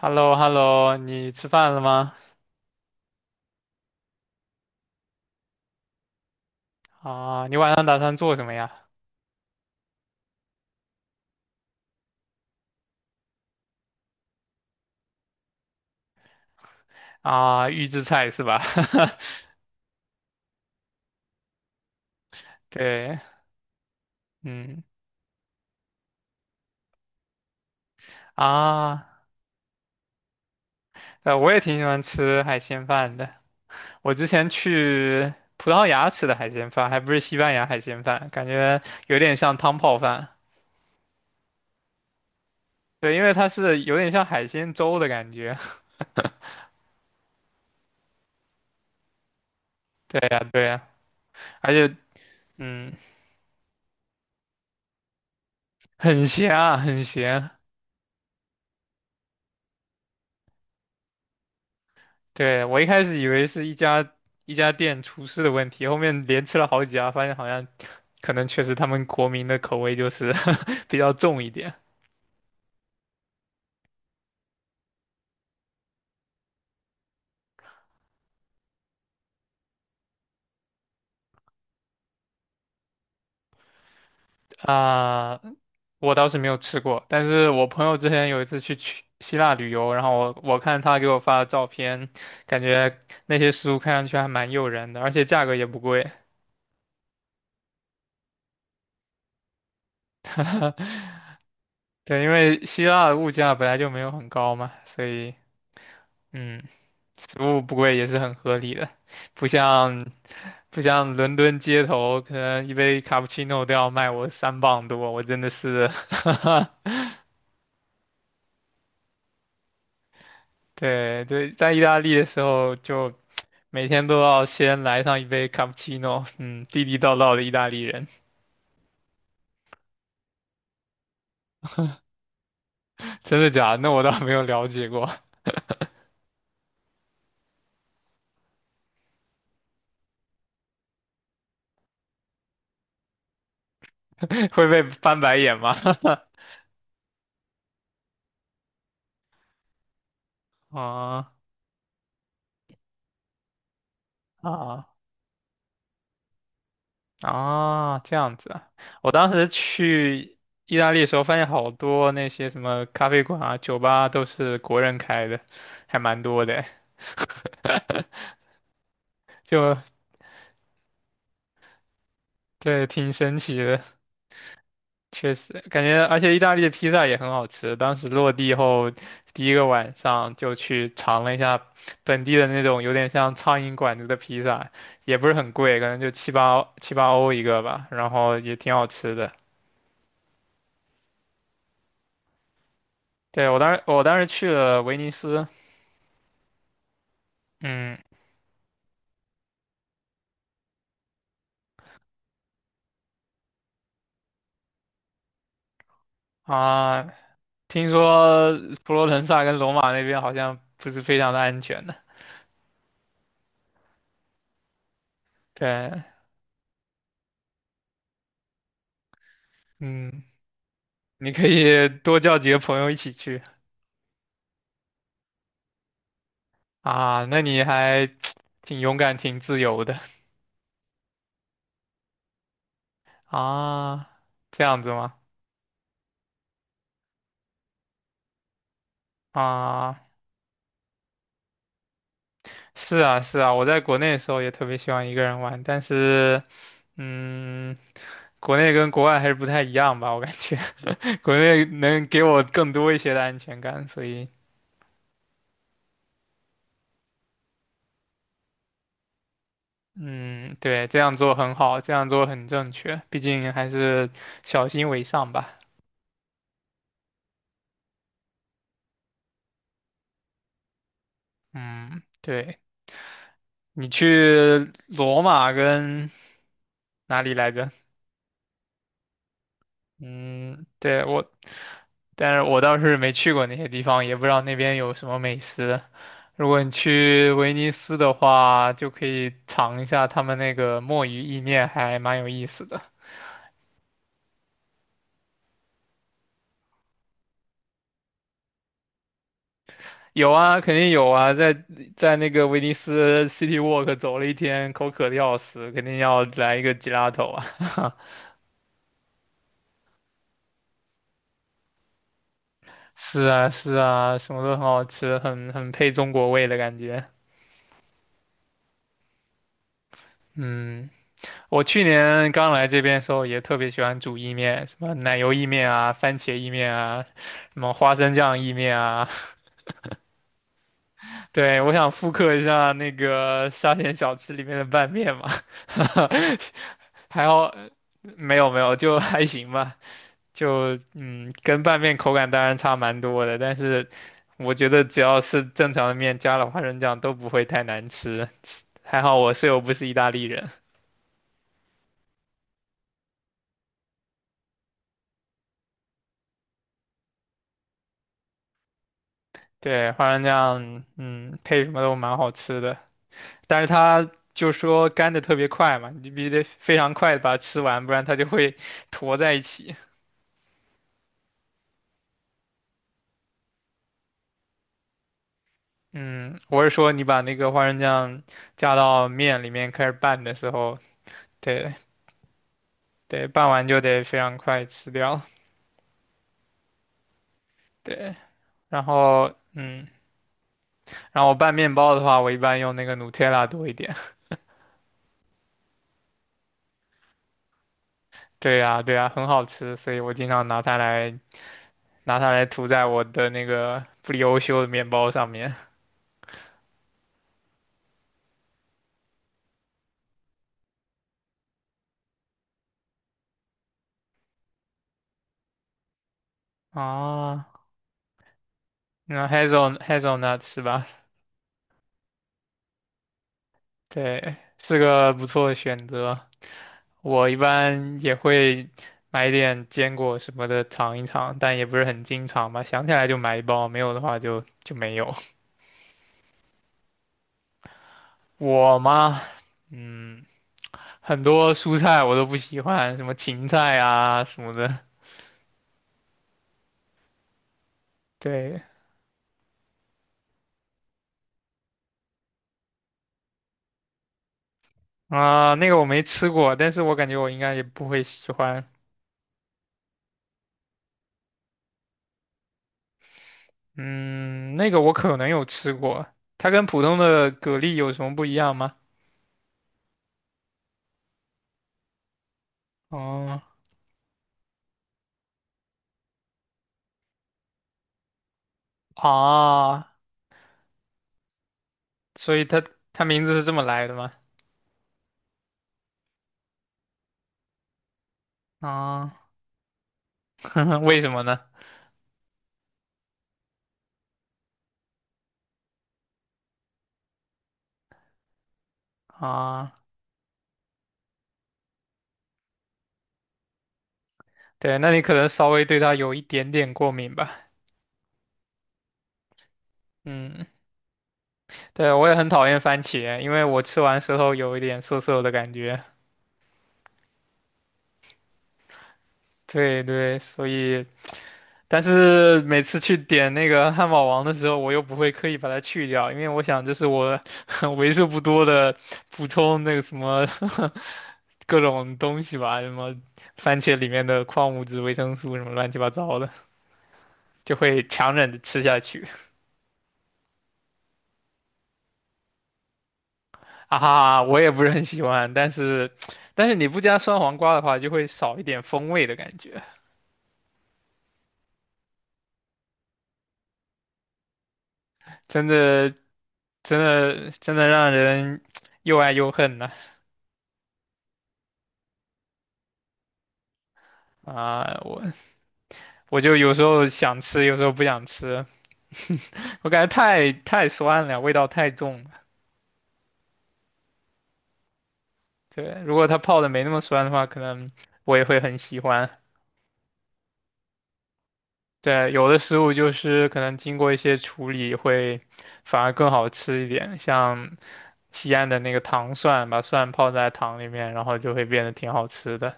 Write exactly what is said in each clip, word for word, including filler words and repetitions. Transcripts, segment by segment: hello hello 你吃饭了吗？啊，你晚上打算做什么呀？啊，预制菜是吧？对，嗯，啊，呃，我也挺喜欢吃海鲜饭的。我之前去葡萄牙吃的海鲜饭，还不是西班牙海鲜饭，感觉有点像汤泡饭。对，因为它是有点像海鲜粥的感觉。对呀，对呀，而且，嗯，很咸啊，很咸。对，我一开始以为是一家一家店厨师的问题，后面连吃了好几家，发现好像可能确实他们国民的口味就是 比较重一点啊。我倒是没有吃过，但是我朋友之前有一次去去希腊旅游，然后我我看他给我发的照片，感觉那些食物看上去还蛮诱人的，而且价格也不贵。对，因为希腊的物价本来就没有很高嘛，所以嗯。食物不贵也是很合理的，不像不像伦敦街头，可能一杯卡布奇诺都要卖我三磅多，我真的是，对对，在意大利的时候就每天都要先来上一杯卡布奇诺，嗯，地地道道的意大利人，真的假的？那我倒没有了解过，会被翻白眼吗？啊啊。啊，这样子啊！我当时去意大利的时候，发现好多那些什么咖啡馆啊、酒吧啊都是国人开的，还蛮多的，就对，挺神奇的。确实，感觉而且意大利的披萨也很好吃。当时落地后第一个晚上就去尝了一下本地的那种有点像苍蝇馆子的披萨，也不是很贵，可能就七八七八欧一个吧，然后也挺好吃的。对，我当时我当时去了威尼斯。嗯啊，听说佛罗伦萨跟罗马那边好像不是非常的安全的。对，嗯，你可以多叫几个朋友一起去啊，那你还 挺勇敢、挺自由的啊，这样子吗？啊，是啊，是啊，我在国内的时候也特别喜欢一个人玩，但是，嗯，国内跟国外还是不太一样吧，我感觉 国内能给我更多一些的安全感，所以。嗯，对，这样做很好，这样做很正确，毕竟还是小心为上吧。嗯，对，你去罗马跟哪里来着？嗯，对，我，但是我倒是没去过那些地方，也不知道那边有什么美食。如果你去威尼斯的话，就可以尝一下他们那个墨鱼意面，还蛮有意思的。有啊，肯定有啊，在在那个威尼斯 City Walk 走了一天，口渴的要死，肯定要来一个 gelato 啊！是啊，是啊，什么都很好吃，很很配中国味的感觉。嗯，我去年刚来这边的时候也特别喜欢煮意面，什么奶油意面啊、番茄意面啊、什么花生酱意面啊。对，我想复刻一下那个沙县小吃里面的拌面嘛，还好没有没有，就还行吧。就嗯，跟拌面口感当然差蛮多的，但是我觉得只要是正常的面，加了花生酱都不会太难吃。还好我室友不是意大利人，对，花生酱，嗯，配什么都蛮好吃的。但是它就说干的特别快嘛，你必须得非常快的把它吃完，不然它就会 坨在一起。嗯，我是说你把那个花生酱加到面里面开始拌的时候，对对，拌完就得非常快吃掉，对。然后，嗯，然后我拌面包的话，我一般用那个 Nutella 多一点。对呀，对呀，很好吃，所以我经常拿它来拿它来涂在我的那个布里欧修的面包上面。啊，那 Hazel Hazelnut 是吧？对，是个不错的选择。我一般也会买一点坚果什么的尝一尝，但也不是很经常吧。想起来就买一包，没有的话就就没有。我嘛，嗯，很多蔬菜我都不喜欢，什么芹菜啊什么的。对啊，那个我没吃过，但是我感觉我应该也不会喜欢。嗯，那个我可能有吃过，它跟普通的蛤蜊有什么不一样吗？哦啊，所以它它名字是这么来的吗？啊，为什么呢？啊，对，那你可能稍微对它有一点点过敏吧。嗯，对，我也很讨厌番茄，因为我吃完舌头有一点涩涩的感觉。对对，所以。但是每次去点那个汉堡王的时候，我又不会刻意把它去掉，因为我想这是我 为数不多的补充那个什么 各种东西吧，什么番茄里面的矿物质、维生素什么乱七八糟的，就会强忍着吃下去。啊哈，我也不是很喜欢，但是但是你不加酸黄瓜的话，就会少一点风味的感觉，真的真的真的让人又爱又恨呢。啊，我我就有时候想吃，有时候不想吃，我感觉太太酸了，味道太重了。对，如果它泡的没那么酸的话，可能我也会很喜欢。对，有的食物就是可能经过一些处理会反而更好吃一点，像西安的那个糖蒜，把蒜泡在糖里面，然后就会变得挺好吃的。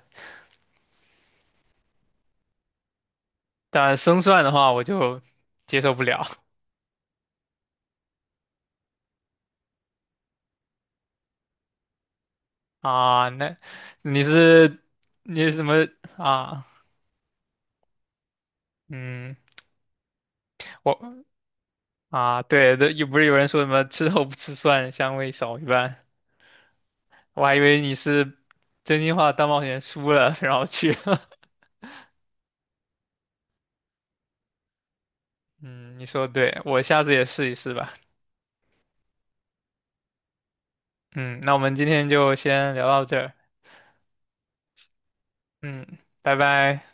但生蒜的话，我就接受不了啊。那你是你是什么啊？嗯，我啊，对的，又不是有人说什么吃肉不吃蒜，香味少一半，我还以为你是真心话大冒险输了，然后去 嗯，你说的对，我下次也试一试吧。嗯，那我们今天就先聊到这儿。嗯，拜拜。